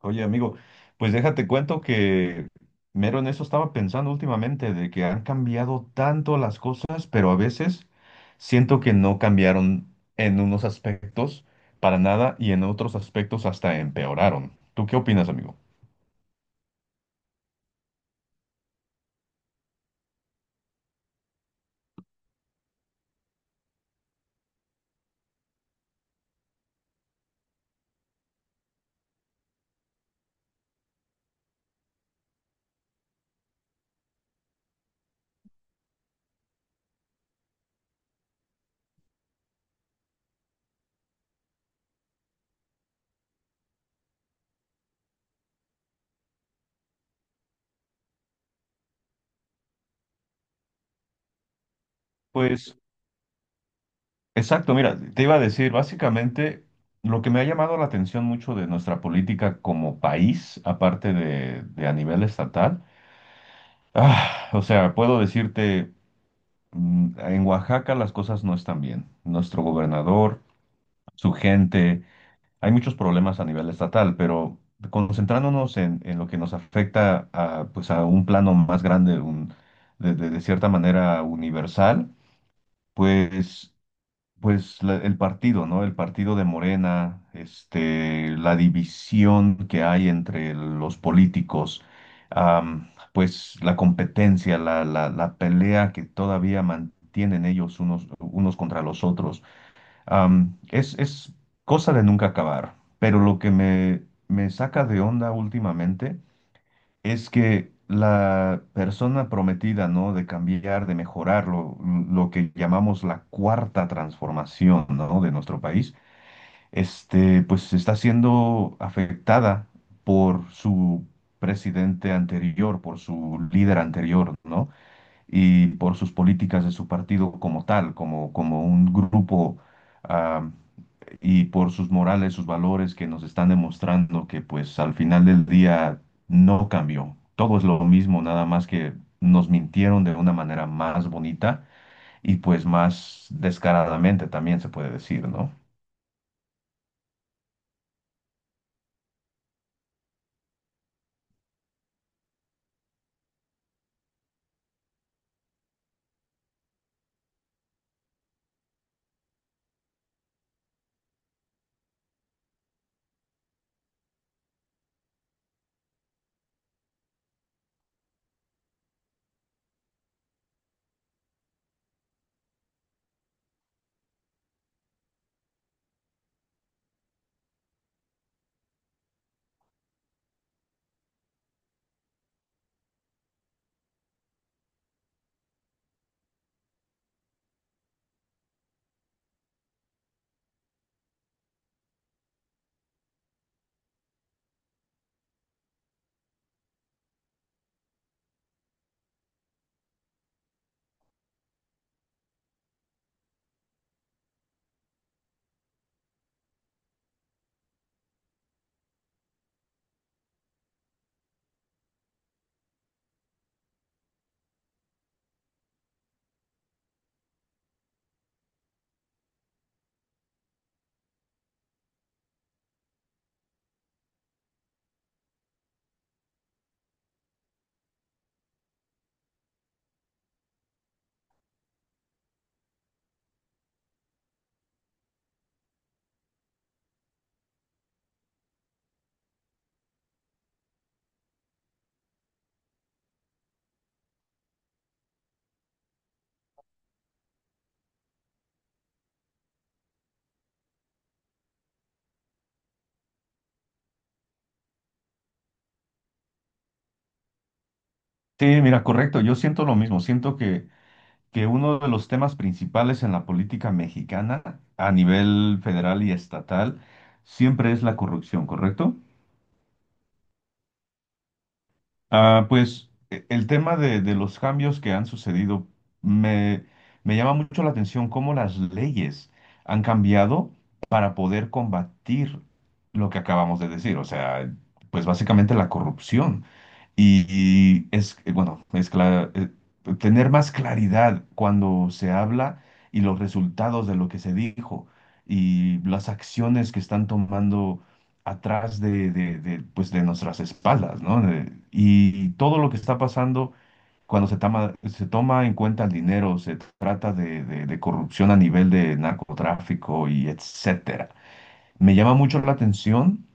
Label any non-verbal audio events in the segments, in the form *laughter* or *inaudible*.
Oye, amigo, pues déjate cuento que mero en eso estaba pensando últimamente, de que han cambiado tanto las cosas, pero a veces siento que no cambiaron en unos aspectos para nada y en otros aspectos hasta empeoraron. ¿Tú qué opinas, amigo? Pues exacto, mira, te iba a decir, básicamente lo que me ha llamado la atención mucho de nuestra política como país, aparte de a nivel estatal, o sea, puedo decirte... En Oaxaca las cosas no están bien. Nuestro gobernador, su gente, hay muchos problemas a nivel estatal, pero concentrándonos en lo que nos afecta a, pues a un plano más grande, de cierta manera universal, pues pues el partido, ¿no? El partido de Morena, este, la división que hay entre los políticos, pues la competencia, la pelea que todavía mantienen ellos unos, unos contra los otros, es cosa de nunca acabar. Pero lo que me saca de onda últimamente es que la persona prometida, ¿no? De cambiar, de mejorar lo que llamamos la cuarta transformación, ¿no? De nuestro país, este, pues está siendo afectada por su presidente anterior, por su líder anterior, ¿no? Y por sus políticas de su partido como tal, como, como un grupo y por sus morales, sus valores que nos están demostrando que pues al final del día no cambió. Todo es lo mismo, nada más que nos mintieron de una manera más bonita y pues más descaradamente también se puede decir, ¿no? Sí, mira, correcto, yo siento lo mismo, siento que uno de los temas principales en la política mexicana a nivel federal y estatal siempre es la corrupción, ¿correcto? Pues el tema de los cambios que han sucedido me, me llama mucho la atención cómo las leyes han cambiado para poder combatir lo que acabamos de decir, o sea, pues básicamente la corrupción. Y es, bueno, es tener más claridad cuando se habla y los resultados de lo que se dijo y las acciones que están tomando atrás de, pues de nuestras espaldas, ¿no? De- y todo lo que está pasando cuando se toma en cuenta el dinero, se trata de corrupción a nivel de narcotráfico y etcétera. Me llama mucho la atención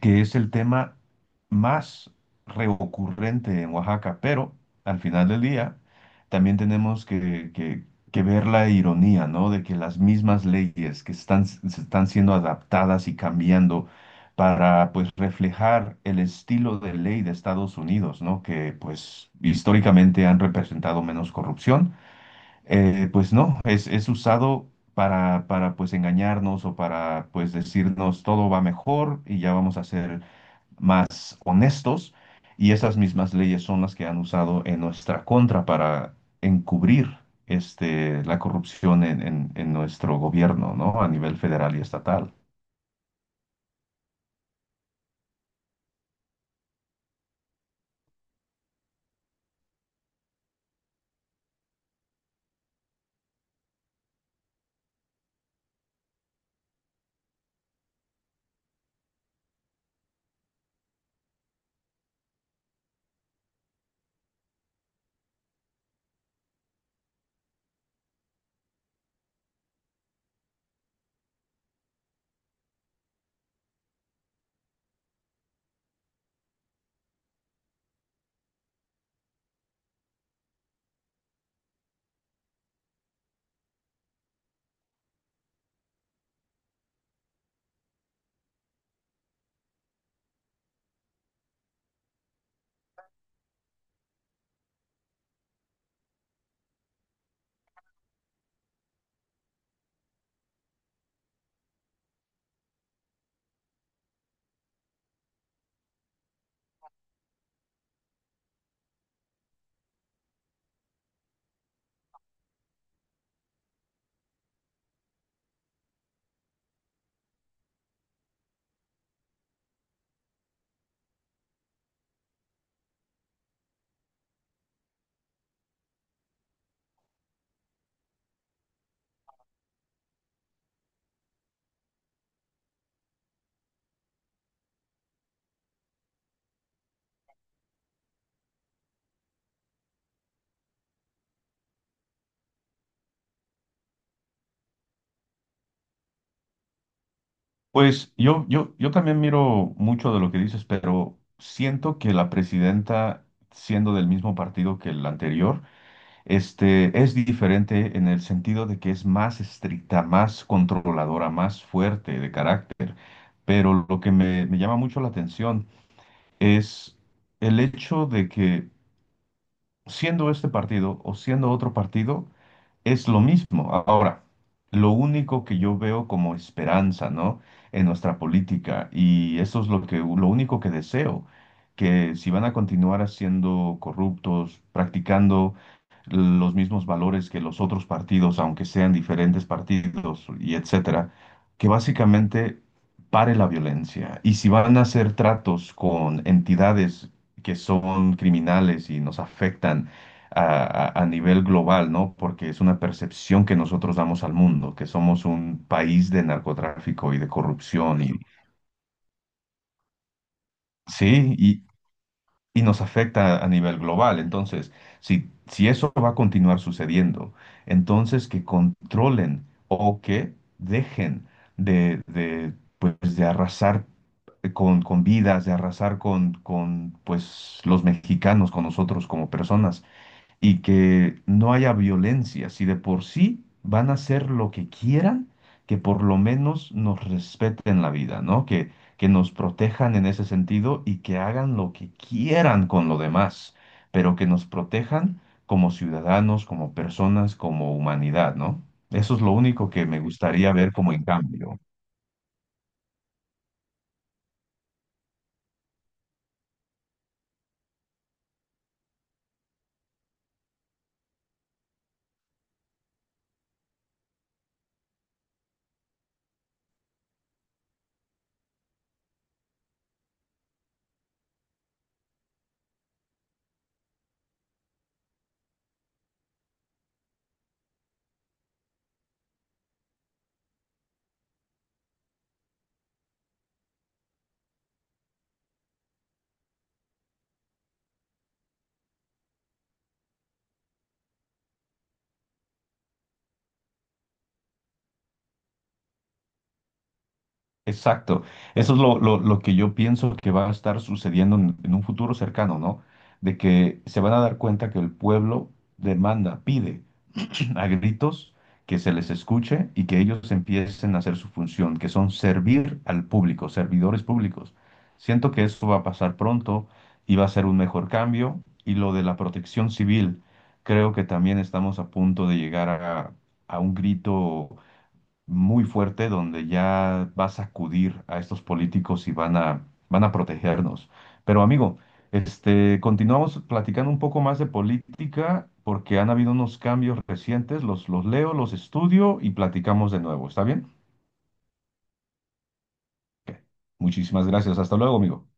que es el tema más recurrente en Oaxaca, pero al final del día también tenemos que ver la ironía, ¿no? De que las mismas leyes que están, se están siendo adaptadas y cambiando para, pues, reflejar el estilo de ley de Estados Unidos, ¿no? Que, pues, históricamente han representado menos corrupción, pues no, es usado pues, engañarnos o para, pues, decirnos todo va mejor y ya vamos a hacer más honestos y esas mismas leyes son las que han usado en nuestra contra para encubrir este, la corrupción en nuestro gobierno, ¿no? A nivel federal y estatal. Pues yo también miro mucho de lo que dices, pero siento que la presidenta, siendo del mismo partido que el anterior, este, es diferente en el sentido de que es más estricta, más controladora, más fuerte de carácter. Pero lo que me llama mucho la atención es el hecho de que siendo este partido o siendo otro partido, es lo mismo. Ahora, lo único que yo veo como esperanza, ¿no? En nuestra política, y eso es lo que, lo único que deseo, que si van a continuar haciendo corruptos, practicando los mismos valores que los otros partidos, aunque sean diferentes partidos y etcétera, que básicamente pare la violencia. Y si van a hacer tratos con entidades que son criminales y nos afectan, a nivel global, ¿no? Porque es una percepción que nosotros damos al mundo, que somos un país de narcotráfico y de corrupción y sí, y nos afecta a nivel global. Entonces, si, si eso va a continuar sucediendo, entonces que controlen o que dejen de, de, pues, de arrasar con vidas, de arrasar con pues, los mexicanos, con nosotros como personas y que no haya violencia. Si de por sí van a hacer lo que quieran, que por lo menos nos respeten la vida, ¿no? Que nos protejan en ese sentido y que hagan lo que quieran con lo demás, pero que nos protejan como ciudadanos, como personas, como humanidad, ¿no? Eso es lo único que me gustaría ver como en cambio. Exacto. Eso es lo que yo pienso que va a estar sucediendo en un futuro cercano, ¿no? De que se van a dar cuenta que el pueblo demanda, pide *clears throat* a gritos que se les escuche y que ellos empiecen a hacer su función, que son servir al público, servidores públicos. Siento que eso va a pasar pronto y va a ser un mejor cambio. Y lo de la protección civil, creo que también estamos a punto de llegar a un grito muy fuerte donde ya va a sacudir a estos políticos y van a, van a protegernos. Pero amigo, este, continuamos platicando un poco más de política porque han habido unos cambios recientes, los leo, los estudio y platicamos de nuevo. ¿Está bien? Ok. Muchísimas gracias. Hasta luego, amigo.